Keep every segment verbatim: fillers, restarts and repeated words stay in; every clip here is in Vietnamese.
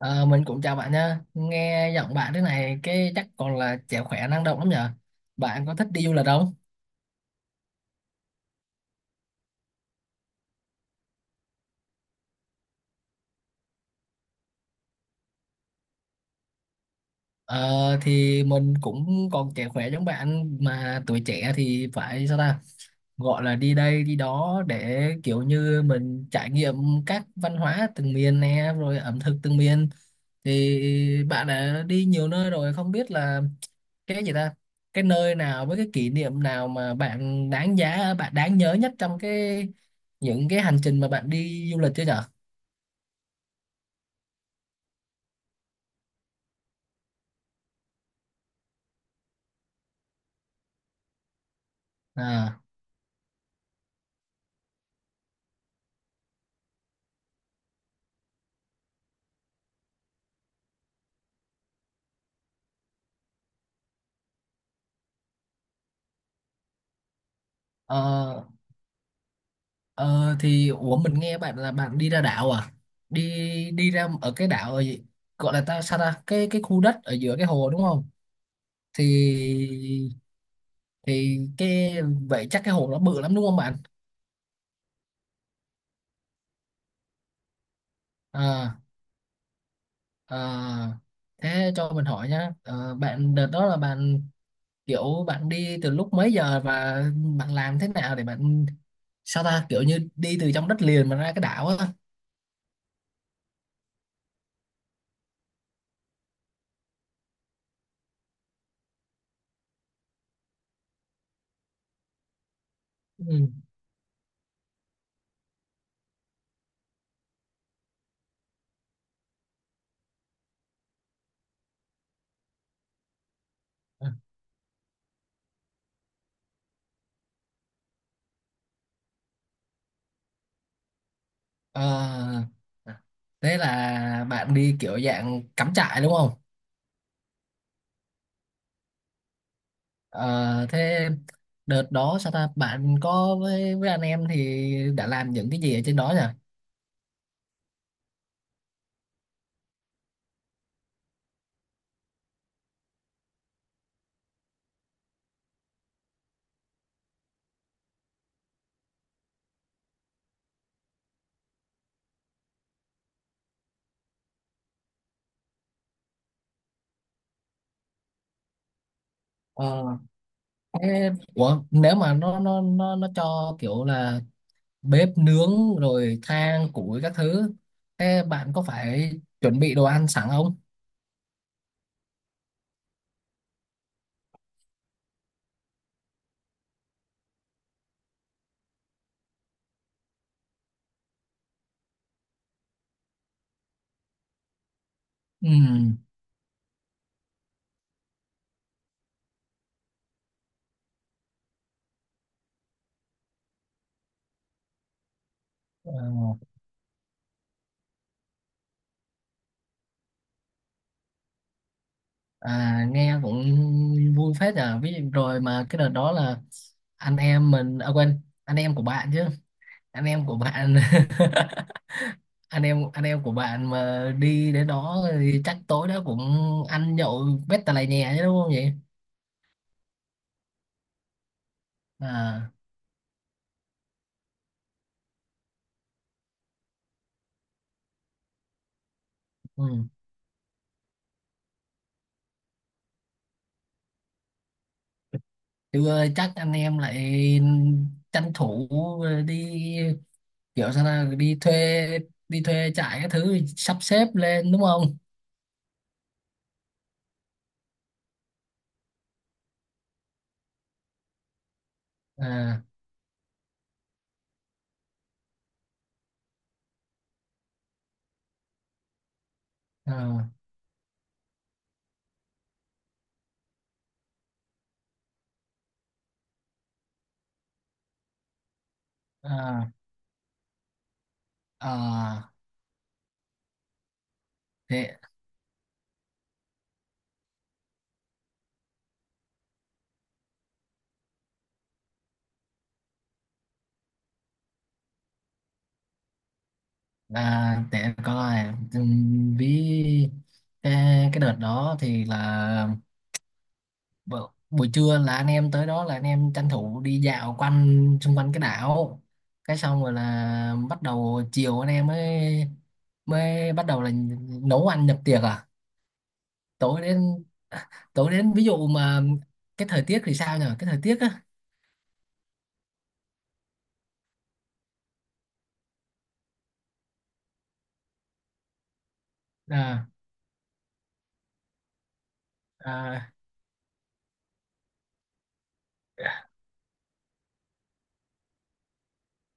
Ờ, mình cũng chào bạn nha. Nghe giọng bạn thế này cái chắc còn là trẻ khỏe năng động lắm nhở. Bạn có thích đi du lịch không? Ờ, thì mình cũng còn trẻ khỏe giống bạn, mà tuổi trẻ thì phải sao ta? Gọi là đi đây đi đó để kiểu như mình trải nghiệm các văn hóa từng miền nè, rồi ẩm thực từng miền. Thì bạn đã đi nhiều nơi rồi, không biết là cái gì ta, cái nơi nào với cái kỷ niệm nào mà bạn đáng giá, bạn đáng nhớ nhất trong cái những cái hành trình mà bạn đi du lịch chưa nhở? à ờ, ờ, thì ủa, mình nghe bạn là bạn đi ra đảo à? Đi đi ra ở cái đảo ở gì gọi là ta, sao ta, cái cái khu đất ở giữa cái hồ đúng không? Thì thì cái vậy, chắc cái hồ nó bự lắm đúng không bạn? à, à, Thế cho mình hỏi nhá. Ờ, Bạn đợt đó là bạn kiểu bạn đi từ lúc mấy giờ, và bạn làm thế nào để bạn sao ta, kiểu như đi từ trong đất liền mà ra cái đảo á? Ừ. Ờ, thế là bạn đi kiểu dạng cắm trại đúng không? Ờ, thế đợt đó sao ta, bạn có với với anh em thì đã làm những cái gì ở trên đó nhỉ? Ờ, Ê, Ủa, nếu mà nó nó nó nó cho kiểu là bếp nướng rồi than củi các thứ, thế bạn có phải chuẩn bị đồ ăn sẵn không? Ừ. Ờ, à, nghe cũng vui phết nhờ. Ví dụ rồi mà cái đợt đó là anh em mình, à quên, anh em của bạn chứ, anh em của bạn anh em anh em của bạn mà đi đến đó thì chắc tối đó cũng ăn nhậu bét tà lè nhè chứ đúng không vậy? À, ừ. Thì ơi chắc anh em lại tranh thủ đi kiểu sao nào, đi thuê đi thuê trại cái thứ sắp xếp lên đúng không? À, à, à, à, để à, để coi. ừm, ví cái, cái đợt đó thì là bu- buổi trưa là anh em tới đó, là anh em tranh thủ đi dạo quanh xung quanh cái đảo. Cái xong rồi là bắt đầu chiều, anh em mới mới bắt đầu là nấu ăn nhập tiệc à. Tối đến tối đến ví dụ mà cái thời tiết thì sao nhỉ, cái thời tiết á? à, à,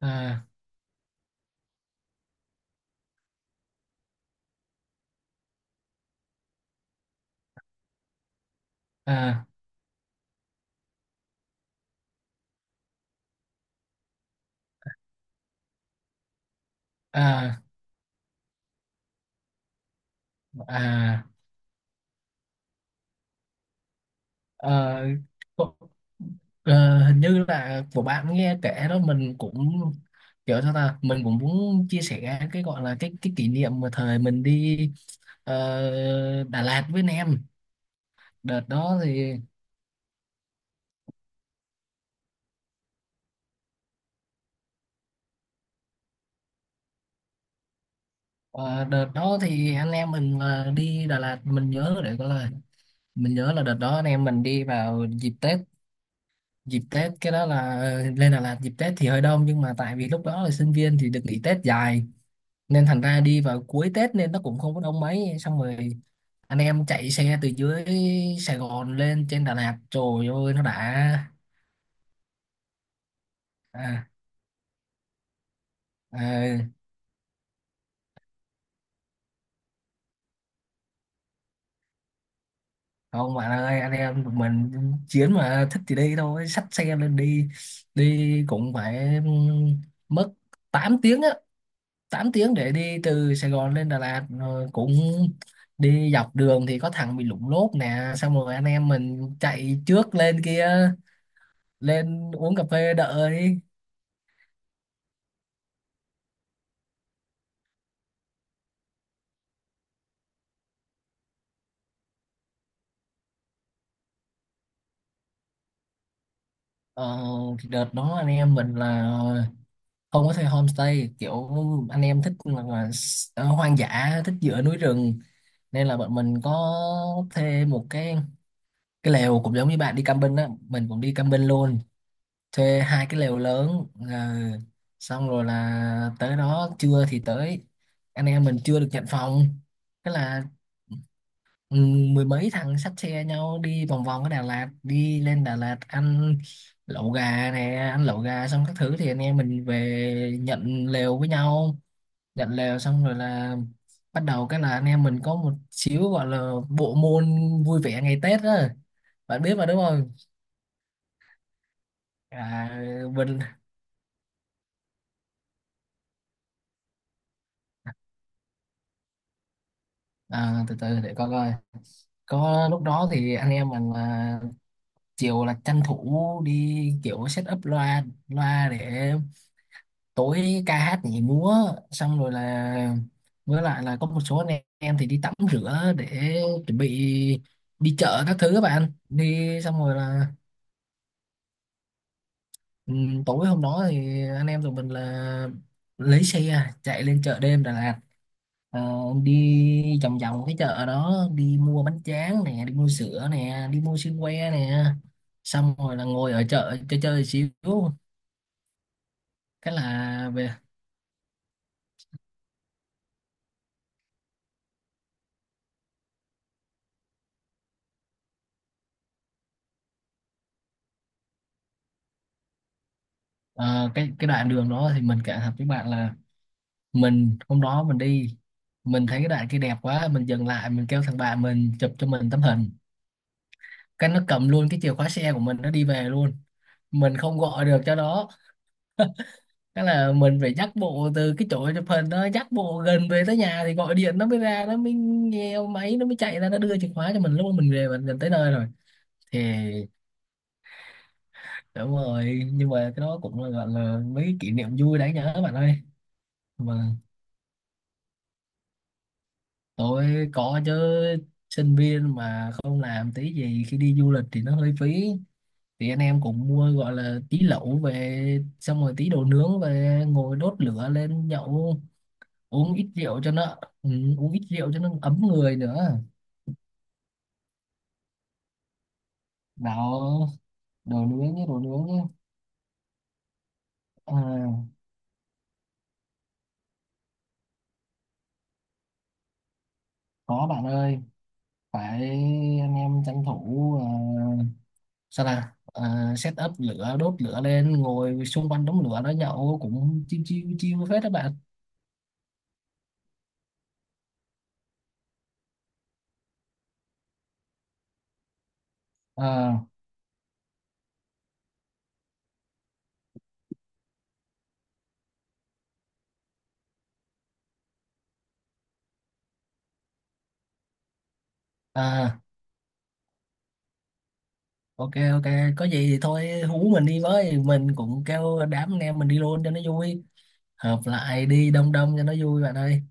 à, à, à, à, ờ, có- ờ, hình như là của bạn nghe kể đó, mình cũng kiểu sao ta, mình cũng muốn chia sẻ cái gọi là cái cái kỷ niệm mà thời mình đi, ờ, Đà Lạt với anh em. Đợt đó thì ờ, đợt đó thì anh em mình là đi Đà Lạt, mình nhớ để gọi là mình nhớ là đợt đó anh em mình đi vào dịp Tết. Dịp Tết cái đó là lên Đà Lạt dịp Tết thì hơi đông, nhưng mà tại vì lúc đó là sinh viên thì được nghỉ Tết dài, nên thành ra đi vào cuối Tết nên nó cũng không có đông mấy. Xong rồi anh em chạy xe từ dưới Sài Gòn lên trên Đà Lạt, trời ơi nó đã. à, à, Không bạn ơi, anh em tụi mình chiến, mà thích thì đi thôi, xách xe lên đi. Đi cũng phải mất tám tiếng á, tám tiếng để đi từ Sài Gòn lên Đà Lạt. Rồi cũng đi dọc đường thì có thằng bị lủng lốp nè, xong rồi anh em mình chạy trước lên kia, lên uống cà phê đợi. ờ, Đợt đó anh em mình là không có thuê homestay, kiểu anh em thích là, là s- ờ, hoang dã, thích giữa núi rừng. Nên là bọn mình có thuê một cái cái lều cũng giống như bạn đi camping á, mình cũng đi camping luôn, thuê hai cái lều lớn. À, xong rồi là tới đó trưa thì tới, anh em mình chưa được nhận phòng. Thế là ừ, mười mấy thằng xách xe nhau đi vòng vòng ở Đà Lạt, đi lên Đà Lạt ăn lẩu gà nè ăn lẩu gà xong các thứ thì anh em mình về nhận lều với nhau. Nhận lều xong rồi là bắt đầu cái là anh em mình có một xíu gọi là bộ môn vui vẻ ngày Tết đó, bạn biết mà đúng không? À, mình à, từ từ để coi coi có lúc đó thì anh em mình là chiều là tranh thủ đi kiểu set up loa loa để tối ca hát nhảy múa. Xong rồi là với lại là có một số anh em thì đi tắm rửa để chuẩn bị đi chợ các thứ các bạn, đi xong rồi là ừ, tối hôm đó thì anh em tụi mình là lấy xe chạy lên chợ đêm Đà Lạt. Ờ, Đi vòng vòng cái chợ đó, đi mua bánh tráng nè, đi mua sữa nè, đi mua sữa que nè, xong rồi là ngồi ở chợ chơi chơi xíu, cái là về. ờ, cái cái đoạn đường đó thì mình cảm thật với bạn là mình hôm đó mình đi, mình thấy cái đoạn kia đẹp quá, mình dừng lại, mình kêu thằng bạn mình chụp cho mình tấm hình. Cái nó cầm luôn cái chìa khóa xe của mình, nó đi về luôn, mình không gọi được cho nó. Cái là mình phải dắt bộ từ cái chỗ chụp hình đó, dắt bộ gần về tới nhà thì gọi điện nó mới ra, nó mới nghe máy, nó mới chạy ra, nó đưa chìa khóa cho mình lúc mà mình về mình gần tới nơi rồi. Thì đúng rồi, nhưng mà cái đó cũng là gọi là mấy cái kỷ niệm vui đáng nhớ bạn ơi. Mà tôi có chứ, sinh viên mà không làm tí gì khi đi du lịch thì nó hơi phí. Thì anh em cũng mua gọi là tí lẩu về, xong rồi tí đồ nướng về, ngồi đốt lửa lên nhậu, uống ít rượu cho nó ừ, uống ít rượu cho nó ấm người nữa. Bảo đồ nướng nhé, đồ nướng nhé. à, có bạn ơi, phải, anh em tranh thủ, à, sao là à, set up lửa đốt lửa lên, ngồi xung quanh đống lửa đó nhậu cũng chiêu chiêu chiêu phết các bạn. à, à ok ok, có gì thì thôi hú mình đi với, mình cũng kêu đám anh em mình đi luôn cho nó vui, hợp lại đi đông đông cho nó vui bạn ơi.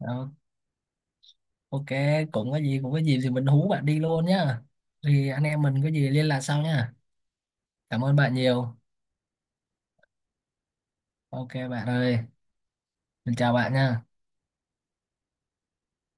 Ok. Ok, cũng có gì cũng có gì thì mình hú bạn đi luôn nhá. Thì anh em mình có gì liên lạc sau nhá. Cảm ơn bạn nhiều. Ok bạn ơi, mình chào bạn nha.